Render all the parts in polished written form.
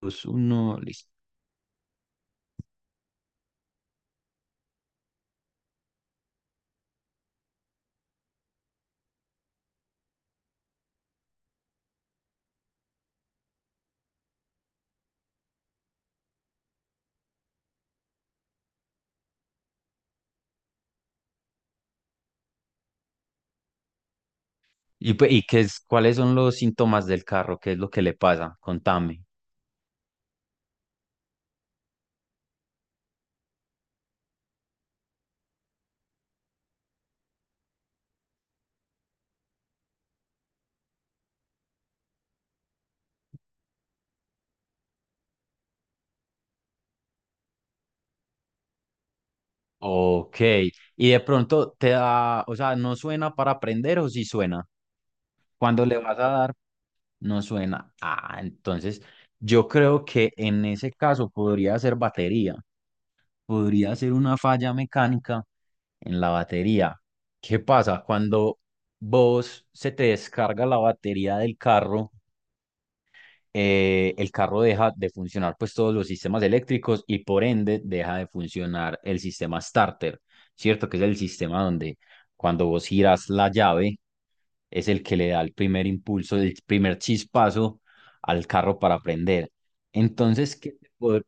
Dos, uno, listo. ¿Y, pues, y qué es, cuáles son los síntomas del carro? ¿Qué es lo que le pasa? Contame. Ok. Y de pronto te da, o sea, ¿no suena para aprender o sí suena? Cuando le vas a dar, no suena. Ah, entonces yo creo que en ese caso podría ser batería. Podría ser una falla mecánica en la batería. ¿Qué pasa? Cuando vos se te descarga la batería del carro el carro deja de funcionar, pues, todos los sistemas eléctricos y por ende deja de funcionar el sistema starter, ¿cierto? Que es el sistema donde cuando vos giras la llave es el que le da el primer impulso, el primer chispazo al carro para prender. Entonces,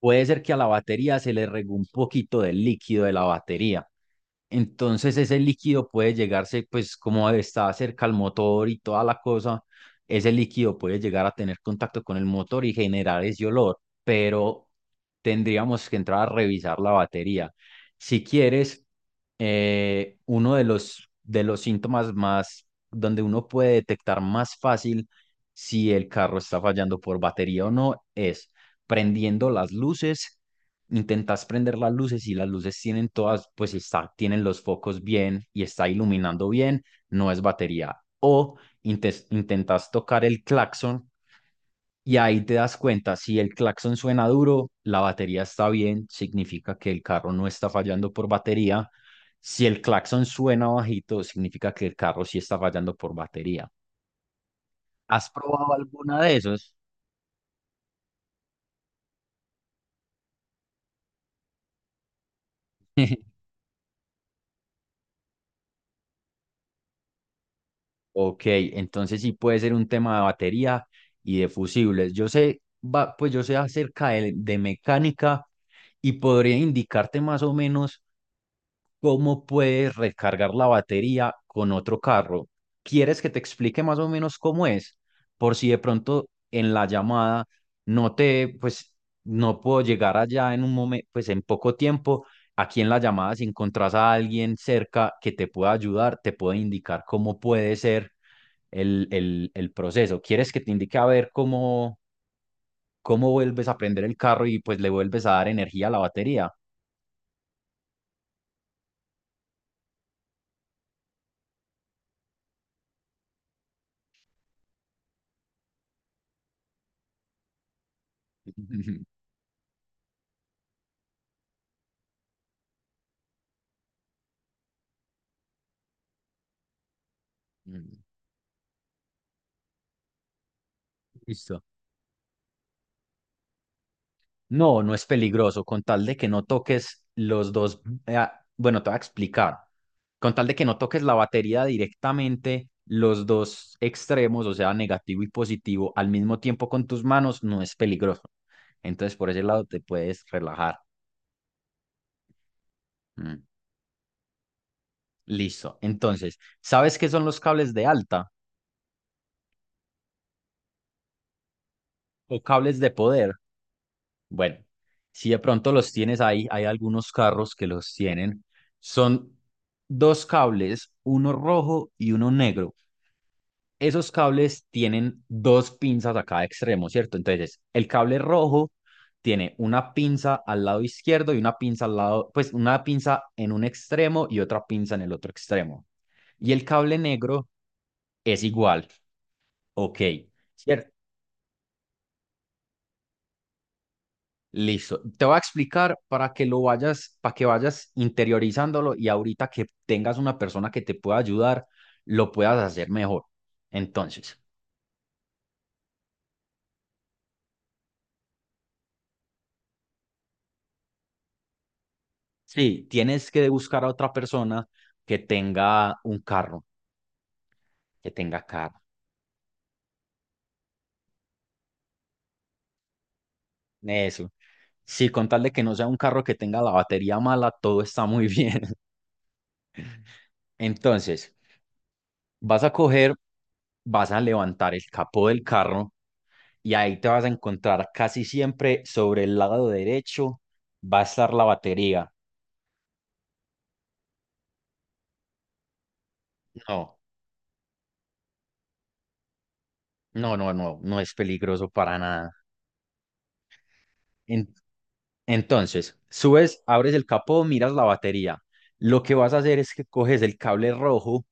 puede ser que a la batería se le regó un poquito del líquido de la batería. Entonces ese líquido puede llegarse, pues como está cerca al motor y toda la cosa, ese líquido puede llegar a tener contacto con el motor y generar ese olor, pero tendríamos que entrar a revisar la batería. Si quieres, uno de los síntomas más, donde uno puede detectar más fácil si el carro está fallando por batería o no, es prendiendo las luces, intentas prender las luces y las luces tienen todas, pues está, tienen los focos bien y está iluminando bien, no es batería. O intentas tocar el claxon y ahí te das cuenta, si el claxon suena duro, la batería está bien, significa que el carro no está fallando por batería. Si el claxon suena bajito, significa que el carro sí está fallando por batería. ¿Has probado alguna de esos? Ok, entonces sí puede ser un tema de batería y de fusibles. Yo sé, va, pues yo sé acerca de mecánica y podría indicarte más o menos cómo puedes recargar la batería con otro carro. ¿Quieres que te explique más o menos cómo es? Por si de pronto en la llamada no te, pues no puedo llegar allá en un momento, pues en poco tiempo. Aquí en la llamada, si encontrás a alguien cerca que te pueda ayudar, te puede indicar cómo puede ser el proceso. ¿Quieres que te indique a ver cómo, cómo vuelves a prender el carro y pues le vuelves a dar energía a la batería? Mm, Listo. No, no es peligroso, con tal de que no toques los dos, eh, bueno, te voy a explicar, con tal de que no toques la batería directamente, los dos extremos, o sea, negativo y positivo, al mismo tiempo con tus manos, no es peligroso. Entonces, por ese lado te puedes relajar. Mm, Listo. Entonces, ¿sabes qué son los cables de alta? O cables de poder. Bueno, si de pronto los tienes ahí, hay algunos carros que los tienen. Son dos cables, uno rojo y uno negro. Esos cables tienen dos pinzas a cada extremo, ¿cierto? Entonces, el cable rojo tiene una pinza al lado izquierdo y una pinza al lado, pues una pinza en un extremo y otra pinza en el otro extremo. Y el cable negro es igual, ok. ¿cierto? Listo. Te voy a explicar para que lo vayas, para que vayas interiorizándolo y ahorita que tengas una persona que te pueda ayudar, lo puedas hacer mejor. Entonces, sí, tienes que buscar a otra persona que tenga un carro, que tenga carro. Eso. Sí, con tal de que no sea un carro que tenga la batería mala, todo está muy bien. Entonces, vas a coger, vas a levantar el capó del carro y ahí te vas a encontrar casi siempre sobre el lado derecho va a estar la batería. No, no, no es peligroso para nada. En- entonces, subes, abres el capó, miras la batería. Lo que vas a hacer es que coges el cable rojo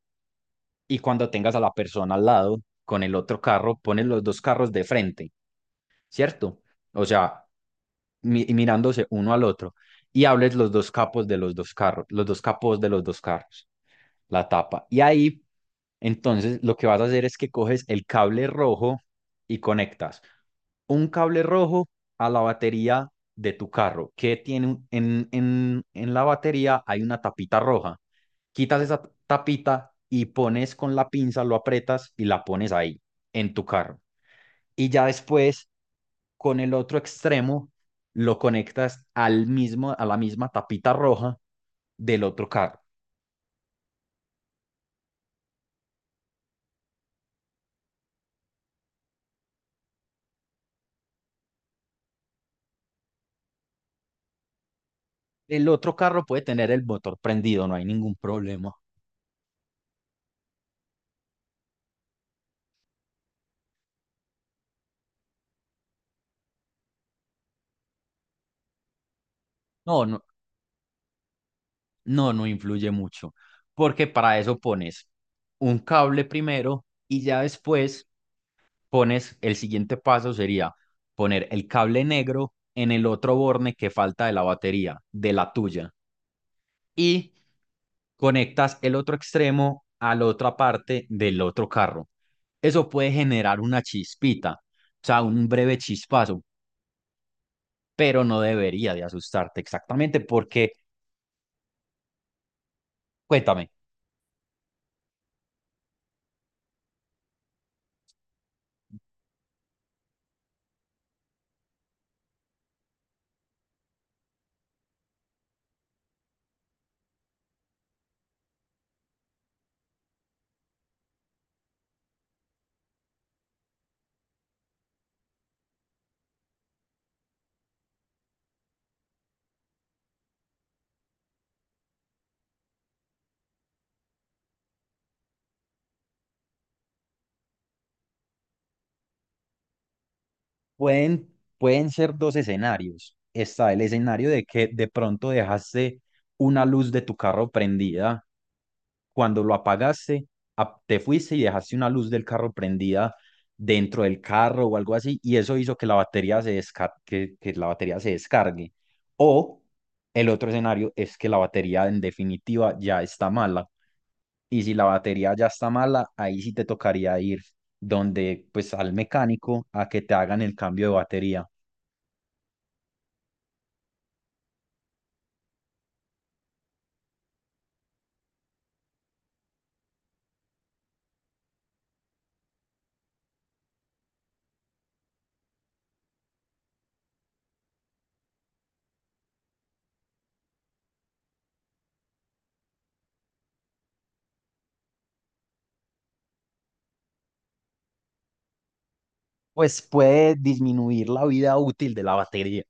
y cuando tengas a la persona al lado con el otro carro, pones los dos carros de frente, ¿cierto? O sea, mirándose uno al otro y hables los dos capos de los dos carros, los dos capos de los dos carros. La tapa. Y ahí, entonces, lo que vas a hacer es que coges el cable rojo y conectas un cable rojo a la batería de tu carro, que tiene en, en la batería hay una tapita roja. Quitas esa tapita y pones con la pinza, lo aprietas y la pones ahí, en tu carro. Y ya después, con el otro extremo, lo conectas al mismo, a la misma tapita roja del otro carro. El otro carro puede tener el motor prendido, no hay ningún problema. No, no, no, no influye mucho, porque para eso pones un cable primero y ya después pones, el siguiente paso sería poner el cable negro en el otro borne que falta de la batería, de la tuya, y conectas el otro extremo a la otra parte del otro carro. Eso puede generar una chispita, o sea, un breve chispazo, pero no debería de asustarte exactamente porque... Cuéntame, pueden, pueden ser dos escenarios. Está el escenario de que de pronto dejaste una luz de tu carro prendida. Cuando lo apagaste, te fuiste y dejaste una luz del carro prendida dentro del carro o algo así, y eso hizo que la batería que la batería se descargue. O el otro escenario es que la batería en definitiva ya está mala. Y si la batería ya está mala, ahí sí te tocaría ir donde, pues al mecánico a que te hagan el cambio de batería. Pues puede disminuir la vida útil de la batería.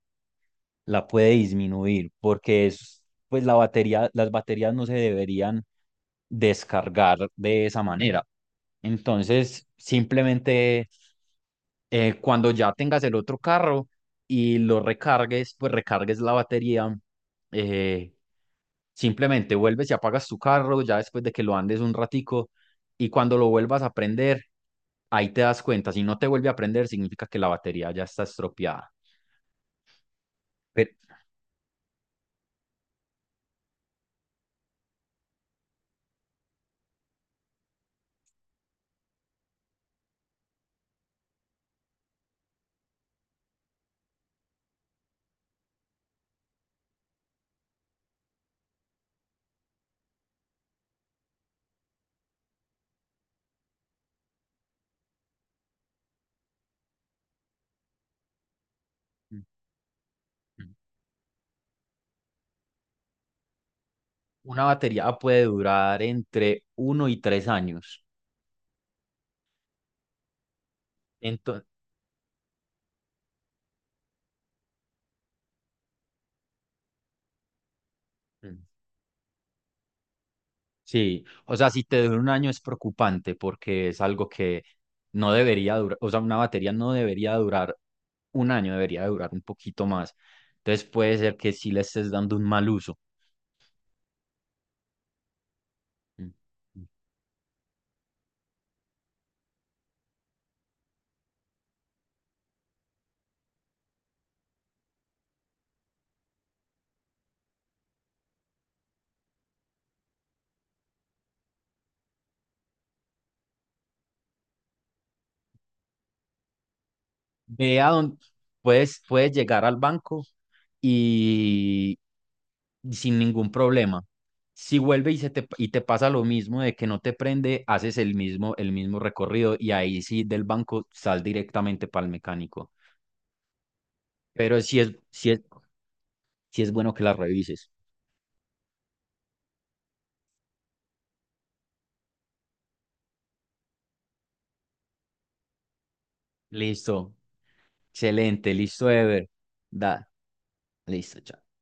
La puede disminuir porque es, pues la batería, las baterías no se deberían descargar de esa manera. Entonces, simplemente cuando ya tengas el otro carro y lo recargues, pues recargues la batería, eh, simplemente vuelves y apagas tu carro ya después de que lo andes un ratico y cuando lo vuelvas a prender, ahí te das cuenta, si no te vuelve a prender, significa que la batería ya está estropeada. Pero... Una batería puede durar entre uno y 3 años. Entonces, sí, o sea, si te dura un año es preocupante porque es algo que no debería durar, o sea, una batería no debería durar un año, debería durar un poquito más. Entonces puede ser que sí le estés dando un mal uso. Mm. Mm. Ve a dónde puedes, puedes llegar al banco y, y sin ningún problema. Si vuelve y, se te, y te pasa lo mismo de que no te prende, haces el mismo recorrido y ahí sí del banco sal directamente para el mecánico. Pero sí es, sí es bueno que la revises. Listo. Excelente. Listo, Ever. Da. Listo, chao.